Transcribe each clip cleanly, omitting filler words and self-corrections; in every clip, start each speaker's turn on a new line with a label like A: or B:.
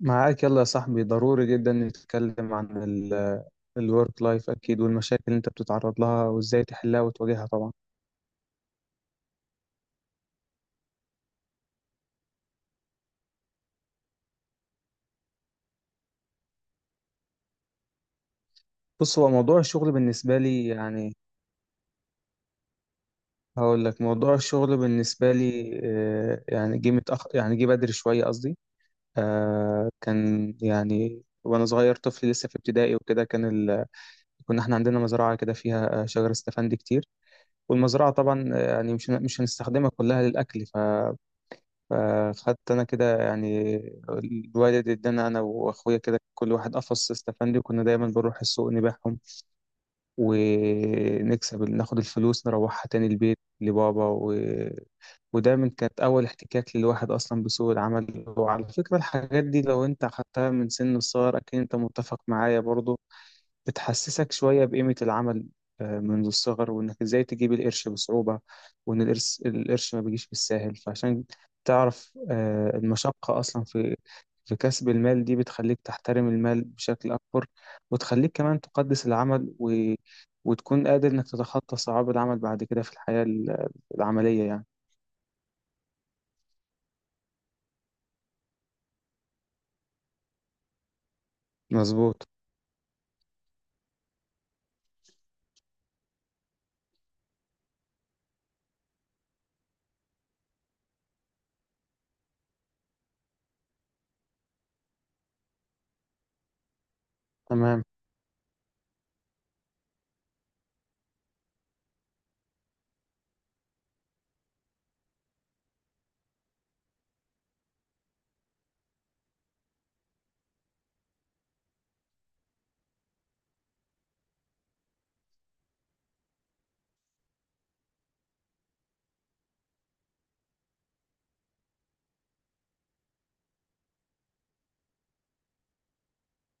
A: معاك، يلا يا صاحبي، ضروري جدا نتكلم عن الورك لايف، اكيد، والمشاكل اللي انت بتتعرض لها وازاي تحلها وتواجهها طبعا. بص، هو موضوع الشغل بالنسبه لي يعني هقول لك موضوع الشغل بالنسبه لي، يعني جه متأخر، يعني جه بدري شويه قصدي. كان، يعني وانا صغير طفل لسه في ابتدائي وكده، كان كنا احنا عندنا مزرعه كده فيها شجر استفندي كتير. والمزرعه طبعا، يعني مش هنستخدمها كلها للاكل. فخدت انا كده يعني الوالد ادانا انا واخويا كده كل واحد قفص استفندي، وكنا دايما بنروح السوق نبيعهم ونكسب، ناخد الفلوس نروحها تاني البيت لبابا ودايما كانت اول احتكاك للواحد اصلا بسوق العمل. وعلى فكرة، الحاجات دي لو انت اخدتها من سن الصغر، اكيد انت متفق معايا برضو، بتحسسك شوية بقيمة العمل، منذ الصغر، وإنك إزاي تجيب القرش بصعوبة، وإن القرش ما بيجيش بالساهل. فعشان تعرف المشقة أصلا في في كسب المال، دي بتخليك تحترم المال بشكل أكبر، وتخليك كمان تقدس العمل وتكون قادر إنك تتخطى صعاب العمل بعد كده في الحياة العملية يعني. مظبوط. تمام.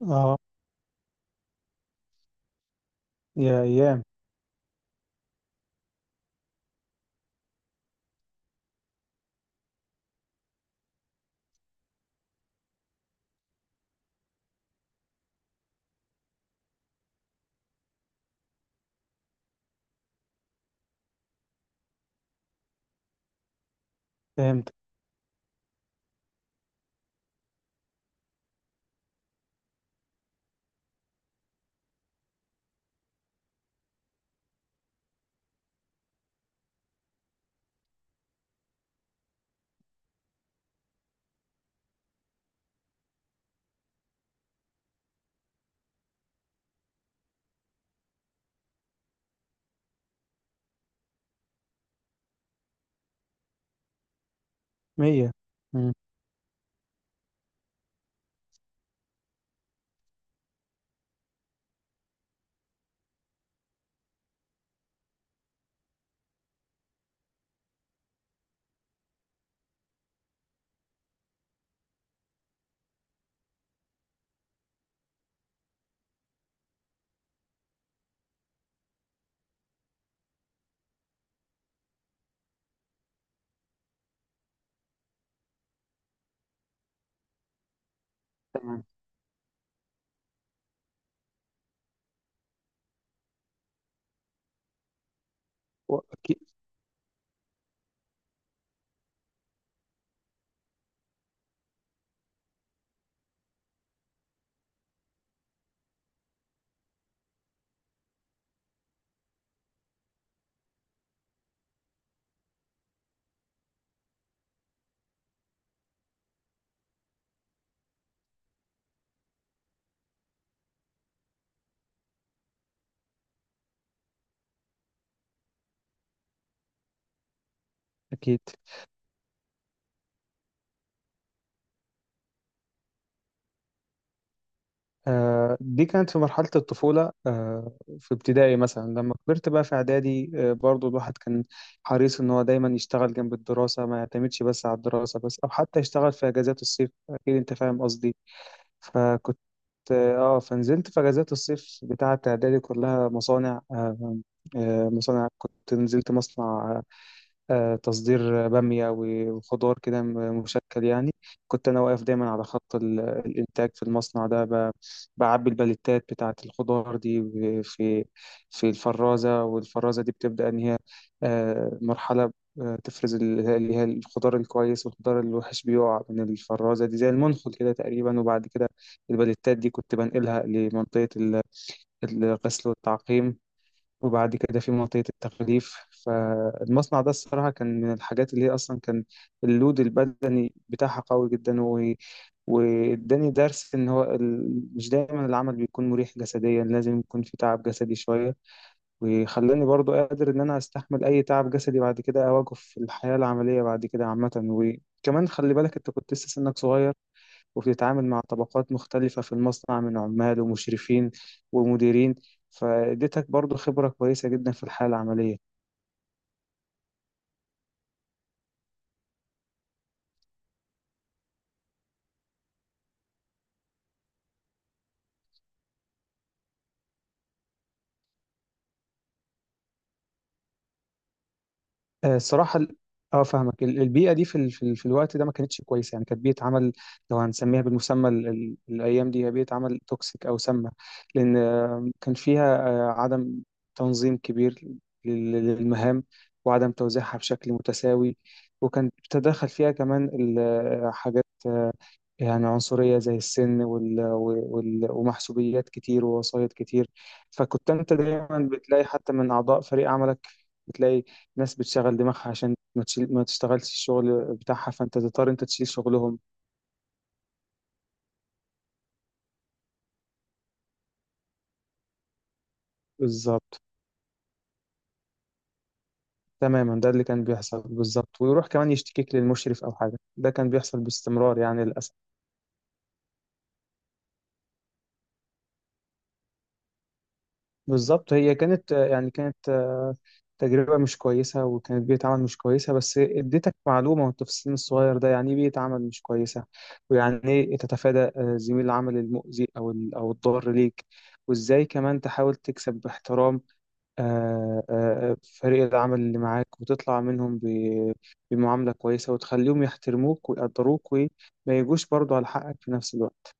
A: اه. يا ايام. فهمت. مية. مم. تمام. أكيد. أكيد. دي كانت في مرحلة الطفولة، في ابتدائي مثلا. لما كبرت بقى في إعدادي، برضو الواحد كان حريص إن هو دايما يشتغل جنب الدراسة، ما يعتمدش بس على الدراسة بس، أو حتى يشتغل في أجازات الصيف. أكيد أنت فاهم قصدي. فكنت آه فنزلت في أجازات الصيف بتاعة إعدادي كلها مصانع. مصانع، كنت نزلت مصنع تصدير بامية وخضار كده مشكل يعني. كنت أنا واقف دايما على خط الإنتاج في المصنع ده، بعبي الباليتات بتاعة الخضار دي في في الفرازة، والفرازة دي بتبدأ إن هي مرحلة تفرز اللي هي الخضار الكويس، والخضار الوحش بيقع من الفرازة دي زي المنخل كده تقريبا. وبعد كده الباليتات دي كنت بنقلها لمنطقة الغسل والتعقيم، وبعد كده في منطقة التغليف. فالمصنع ده الصراحة كان من الحاجات اللي هي أصلا كان اللود البدني بتاعها قوي جدا واداني درس إن هو مش دايما العمل بيكون مريح جسديا، لازم يكون في تعب جسدي شوية. وخلاني برضو قادر إن أنا أستحمل أي تعب جسدي بعد كده أواجهه في الحياة العملية بعد كده عامة. وكمان خلي بالك أنت كنت لسه سنك صغير، وبتتعامل مع طبقات مختلفة في المصنع من عمال ومشرفين ومديرين، فاديتك برضو خبرة كويسة جدا في الحالة العملية. آه، الصراحة ال- اه فاهمك. البيئة دي في في في الوقت ده ما كانتش كويسة، يعني كانت بيئة عمل، لو هنسميها بالمسمى الأيام دي، هي بيئة عمل توكسيك أو سامة. لأن كان فيها عدم تنظيم كبير للمهام، وعدم توزيعها بشكل متساوي. وكان تدخل فيها كمان حاجات يعني عنصرية، زي السن ومحسوبيات كتير، ووسايط كتير. فكنت انت دايما بتلاقي حتى من أعضاء فريق عملك، بتلاقي ناس بتشغل دماغها عشان ما تشتغلش الشغل بتاعها، فانت تضطر تشيل شغلهم. بالظبط. تماما، ده اللي كان بيحصل بالظبط، ويروح كمان يشتكيك للمشرف أو حاجة. ده كان بيحصل باستمرار يعني، للأسف. بالظبط. هي كانت تجربة مش كويسة، وكانت بيئة عمل مش كويسة، بس اديتك معلومة وانت في السن الصغير ده يعني ايه بيئة عمل مش كويسة، ويعني ايه تتفادى زميل العمل المؤذي، او او الضار ليك. وازاي كمان تحاول تكسب باحترام فريق العمل اللي معاك، وتطلع منهم بمعاملة كويسة، وتخليهم يحترموك ويقدروك، وما يجوش برضو على حقك في نفس الوقت.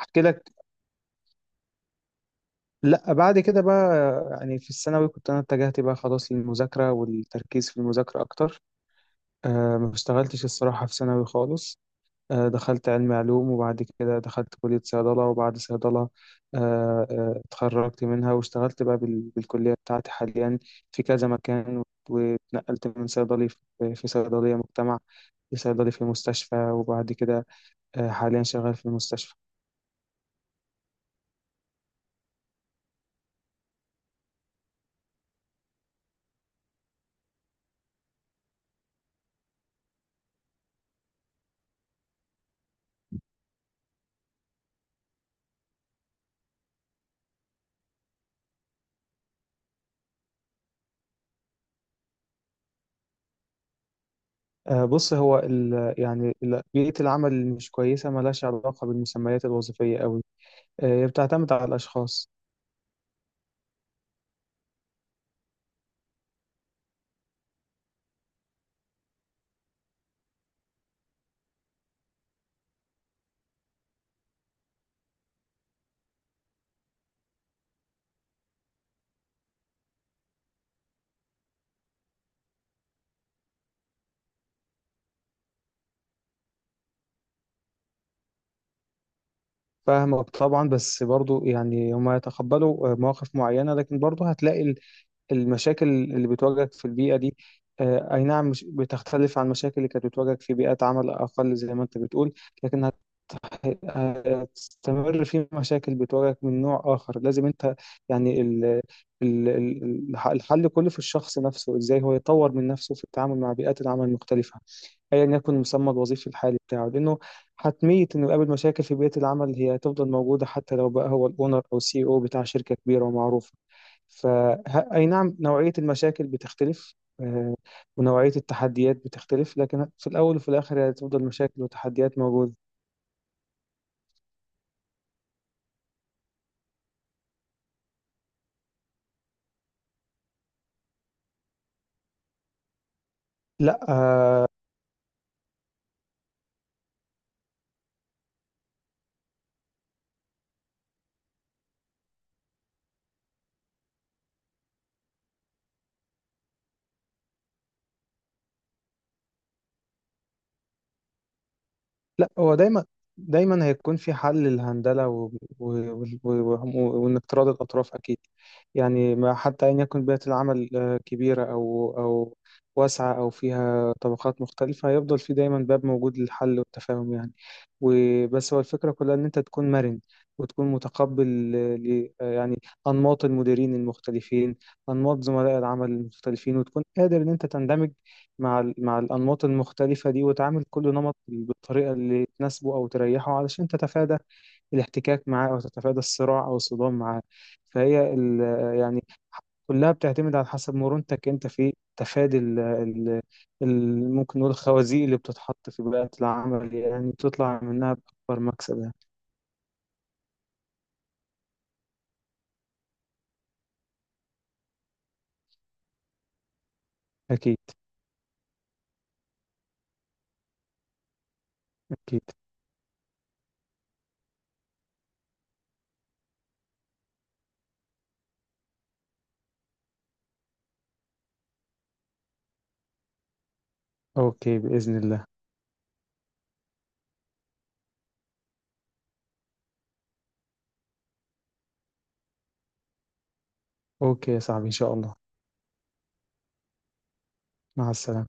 A: احكي لك. لا، بعد كده بقى، يعني في الثانوي كنت انا اتجهت بقى خلاص للمذاكره والتركيز في المذاكره اكتر. ما اشتغلتش الصراحه في ثانوي خالص. دخلت علم علوم، وبعد كده دخلت كليه صيدله. وبعد صيدله أه آه، اتخرجت منها واشتغلت بقى بالكليه بتاعتي حاليا في كذا مكان. واتنقلت من صيدلي في في صيدليه مجتمع لصيدلي في مستشفى، وبعد كده حاليا شغال في المستشفى. بص، هو بيئة العمل اللي مش كويسة ملهاش علاقة بالمسميات الوظيفية قوي. هي بتعتمد على الأشخاص. فاهمك طبعا، بس برضو يعني هما يتقبلوا مواقف معينة، لكن برضو هتلاقي المشاكل اللي بتواجهك في البيئة دي، أي نعم مش بتختلف عن المشاكل اللي كانت بتواجهك في بيئات عمل أقل زي ما أنت بتقول. لكن هتستمر في مشاكل بتواجهك من نوع آخر. لازم أنت يعني الحل كله في الشخص نفسه، إزاي هو يطور من نفسه في التعامل مع بيئات العمل المختلفة، ايا يكن المسمى الوظيفي الحالي بتاعه. لانه حتميه انه يقابل مشاكل في بيئه العمل، هي هتفضل موجوده حتى لو بقى هو الاونر او السي او بتاع شركه كبيره ومعروفه. ف اي نعم، نوعيه المشاكل بتختلف، ونوعيه التحديات بتختلف، لكن في الاول وفي الاخر هي هتفضل مشاكل وتحديات موجوده. لا، لا. هو دايما، دايما هيكون في حل للهندلة و... و... وإنك تراضي الأطراف أكيد. يعني، ما حتى أن يكون بيئة العمل كبيرة، أو أو واسعة، أو فيها طبقات مختلفة، هيفضل في دايما باب موجود للحل والتفاهم يعني. وبس هو الفكرة كلها إن أنت تكون مرن، وتكون متقبل آه، ل... آه، يعني أنماط المديرين المختلفين، أنماط زملاء العمل المختلفين، وتكون قادر إن أنت تندمج مع مع الأنماط المختلفة دي، وتعامل كل نمط بالطريقة اللي تناسبه أو تريحه، علشان تتفادى الاحتكاك معاه، أو تتفادى الصراع أو الصدام معاه. فهي ال- يعني كلها بتعتمد على حسب مرونتك أنت في تفادي ال ال ال ممكن نقول الخوازيق اللي بتتحط في بيئة العمل، يعني بتطلع منها بأكبر مكسب يعني. أكيد. أكيد. أوكي، بإذن الله. أوكي يا صاحبي، إن شاء الله. مع السلامة.